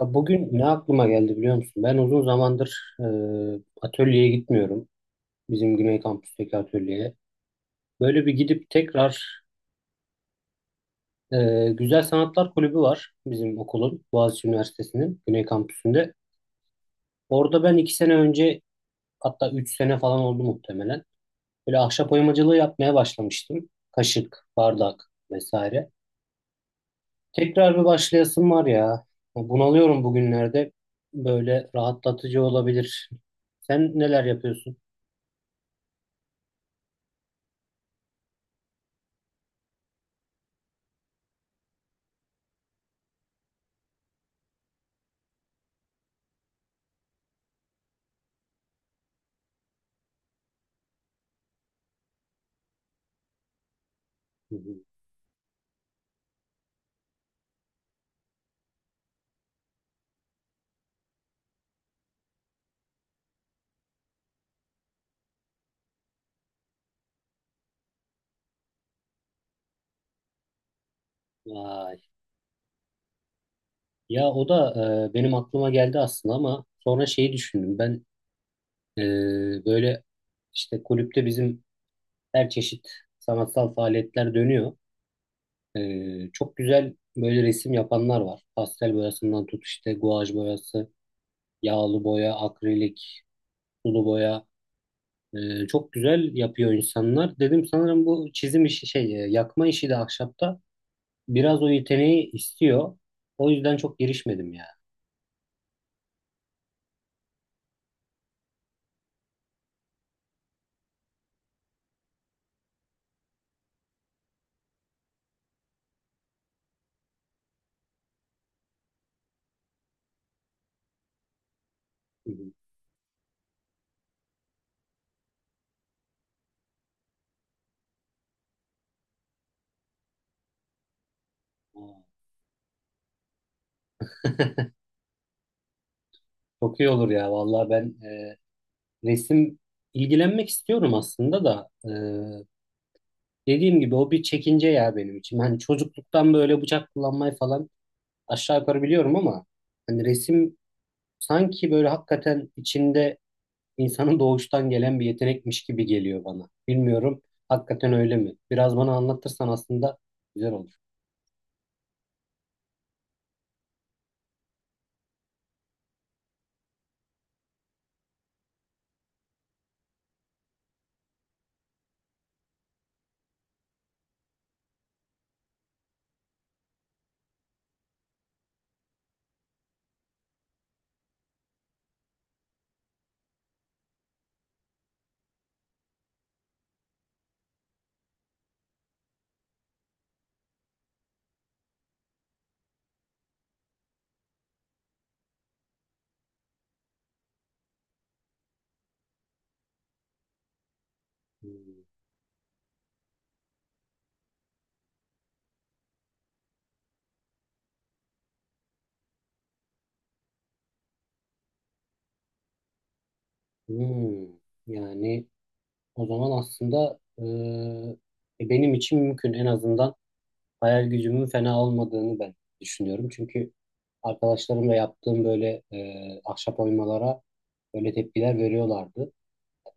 Ya bugün ne aklıma geldi biliyor musun? Ben uzun zamandır atölyeye gitmiyorum. Bizim Güney Kampüs'teki atölyeye. Böyle bir gidip tekrar e, Güzel Sanatlar Kulübü var bizim okulun, Boğaziçi Üniversitesi'nin Güney Kampüsü'nde. Orada ben iki sene önce, hatta üç sene falan oldu muhtemelen. Böyle ahşap oymacılığı yapmaya başlamıştım. Kaşık, bardak vesaire. Tekrar bir başlayasım var ya. Bunalıyorum bugünlerde. Böyle rahatlatıcı olabilir. Sen neler yapıyorsun? Hı hı. Vay. Ya o da benim aklıma geldi aslında ama sonra şeyi düşündüm. Ben böyle işte kulüpte bizim her çeşit sanatsal faaliyetler dönüyor. E, çok güzel böyle resim yapanlar var. Pastel boyasından tut işte guaj boyası, yağlı boya, akrilik, sulu boya. E, çok güzel yapıyor insanlar. Dedim sanırım bu çizim işi şey yakma işi de ahşapta biraz o yeteneği istiyor. O yüzden çok girişmedim ya. Hı hı. Çok iyi olur ya vallahi ben resim ilgilenmek istiyorum aslında da dediğim gibi o bir çekince ya benim için. Hani çocukluktan böyle bıçak kullanmayı falan aşağı yukarı biliyorum ama hani resim sanki böyle hakikaten içinde insanın doğuştan gelen bir yetenekmiş gibi geliyor bana. Bilmiyorum, hakikaten öyle mi? Biraz bana anlatırsan aslında güzel olur. Hmm. Hmm. Yani o zaman aslında benim için mümkün. En azından hayal gücümün fena olmadığını ben düşünüyorum. Çünkü arkadaşlarımla yaptığım böyle ahşap oymalara böyle tepkiler veriyorlardı,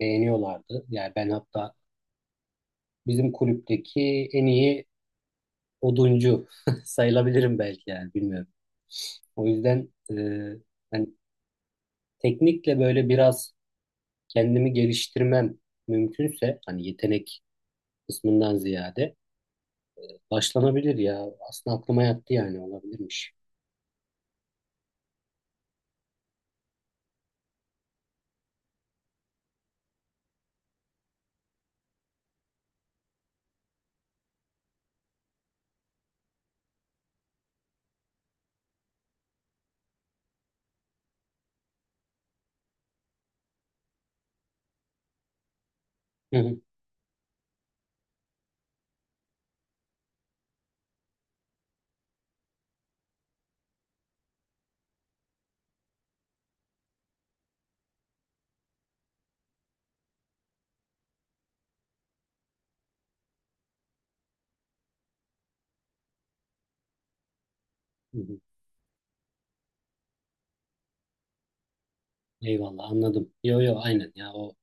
beğeniyorlardı. Yani ben hatta bizim kulüpteki en iyi oduncu sayılabilirim belki, yani bilmiyorum. O yüzden hani teknikle böyle biraz kendimi geliştirmem mümkünse, hani yetenek kısmından ziyade başlanabilir ya. Aslında aklıma yattı, yani olabilirmiş. Hı hı. Hı hı. Eyvallah, anladım. Yo yo, aynen ya, o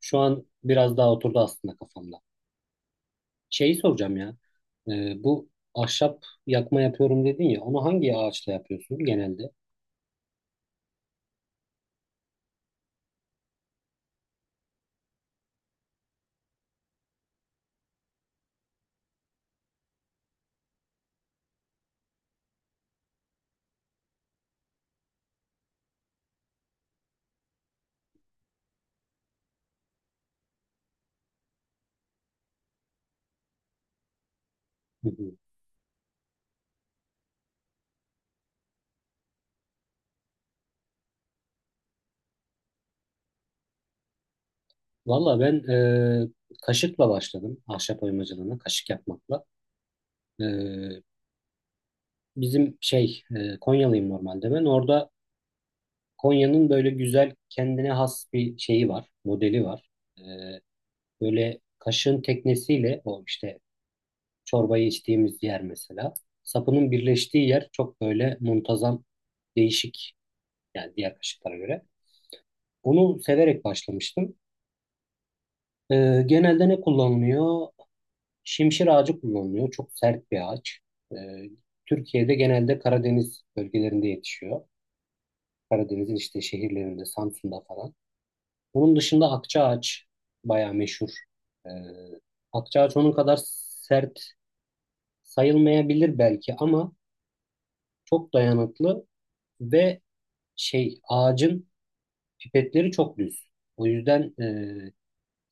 şu an biraz daha oturdu aslında kafamda. Şeyi soracağım ya. Bu ahşap yakma yapıyorum dedin ya. Onu hangi ağaçla yapıyorsun genelde? Hı hı. Valla ben kaşıkla başladım ahşap oymacılığına, kaşık yapmakla. E, Bizim şey Konyalıyım normalde ben. Orada Konya'nın böyle güzel kendine has bir şeyi var, modeli var. E, böyle kaşığın teknesiyle, o işte çorbayı içtiğimiz yer mesela. Sapının birleştiği yer çok böyle muntazam, değişik yani, diğer kaşıklara göre. Onu severek başlamıştım. Genelde ne kullanılıyor? Şimşir ağacı kullanılıyor. Çok sert bir ağaç. Ee, Türkiye'de genelde Karadeniz bölgelerinde yetişiyor. Karadeniz'in işte şehirlerinde, Samsun'da falan. Onun dışında akça ağaç bayağı meşhur. Ee, akça ağaç onun kadar sert sayılmayabilir belki ama çok dayanıklı ve şey, ağacın pipetleri çok düz. O yüzden e,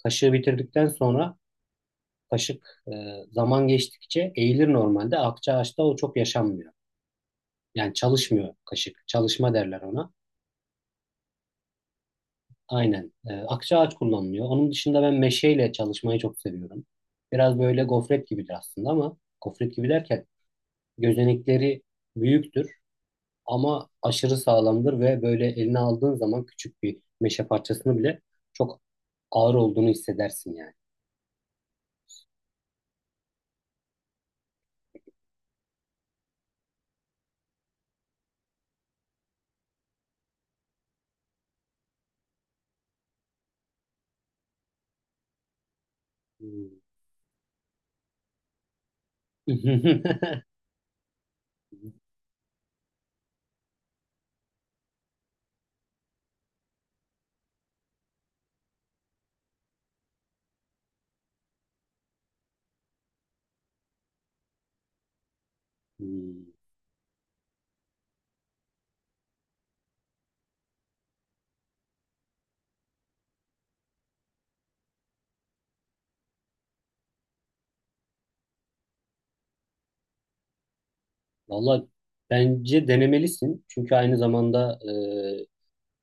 kaşığı bitirdikten sonra kaşık zaman geçtikçe eğilir normalde. Akça ağaçta o çok yaşanmıyor. Yani çalışmıyor kaşık. Çalışma derler ona. Aynen. E, akça ağaç kullanılıyor. Onun dışında ben meşeyle çalışmayı çok seviyorum. Biraz böyle gofret gibidir aslında, ama gofret gibi derken gözenekleri büyüktür. Ama aşırı sağlamdır ve böyle eline aldığın zaman küçük bir meşe parçasını bile çok ağır olduğunu hissedersin yani. Hmm. Hmm. Valla bence denemelisin. Çünkü aynı zamanda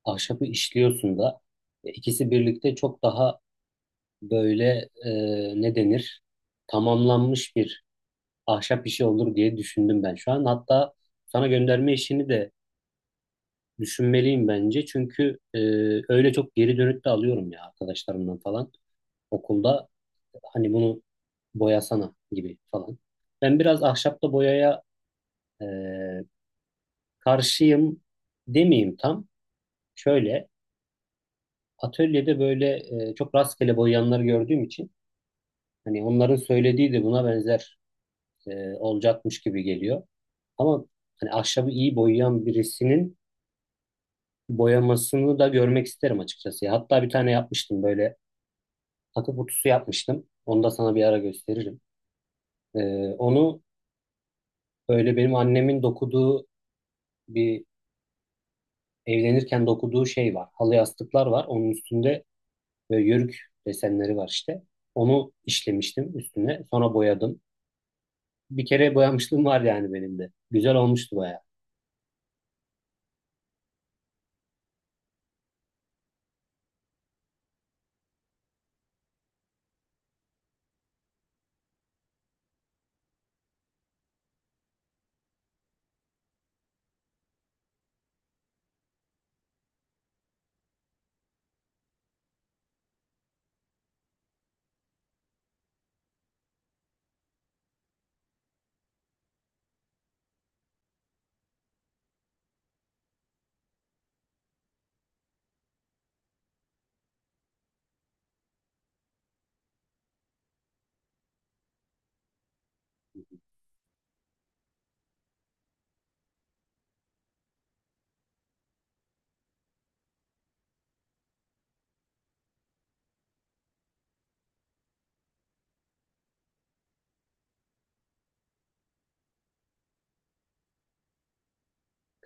ahşabı işliyorsun da. E, İkisi birlikte çok daha böyle, e, ne denir? Tamamlanmış bir ahşap işi olur diye düşündüm ben şu an. Hatta sana gönderme işini de düşünmeliyim bence çünkü öyle çok geri dönüt de alıyorum ya arkadaşlarımdan falan okulda, hani bunu boyasana gibi falan. Ben biraz ahşapla boyaya e, karşıyım demeyeyim tam. Şöyle atölyede böyle çok rastgele boyayanları gördüğüm için hani onların söylediği de buna benzer olacakmış gibi geliyor. Ama hani ahşabı iyi boyayan birisinin boyamasını da görmek isterim açıkçası. Hatta bir tane yapmıştım böyle, takı kutusu yapmıştım. Onu da sana bir ara gösteririm. Onu böyle benim annemin dokuduğu bir, evlenirken dokuduğu şey var. Halı yastıklar var. Onun üstünde böyle yörük desenleri var işte. Onu işlemiştim üstüne. Sonra boyadım. Bir kere boyamışlığım var yani benim de. Güzel olmuştu bayağı.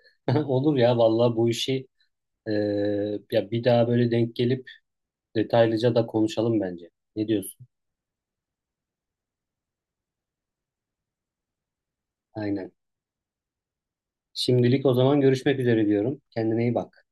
Olur ya vallahi, bu işi e, ya bir daha böyle denk gelip detaylıca da konuşalım bence. Ne diyorsun? Aynen. Şimdilik o zaman görüşmek üzere diyorum. Kendine iyi bak.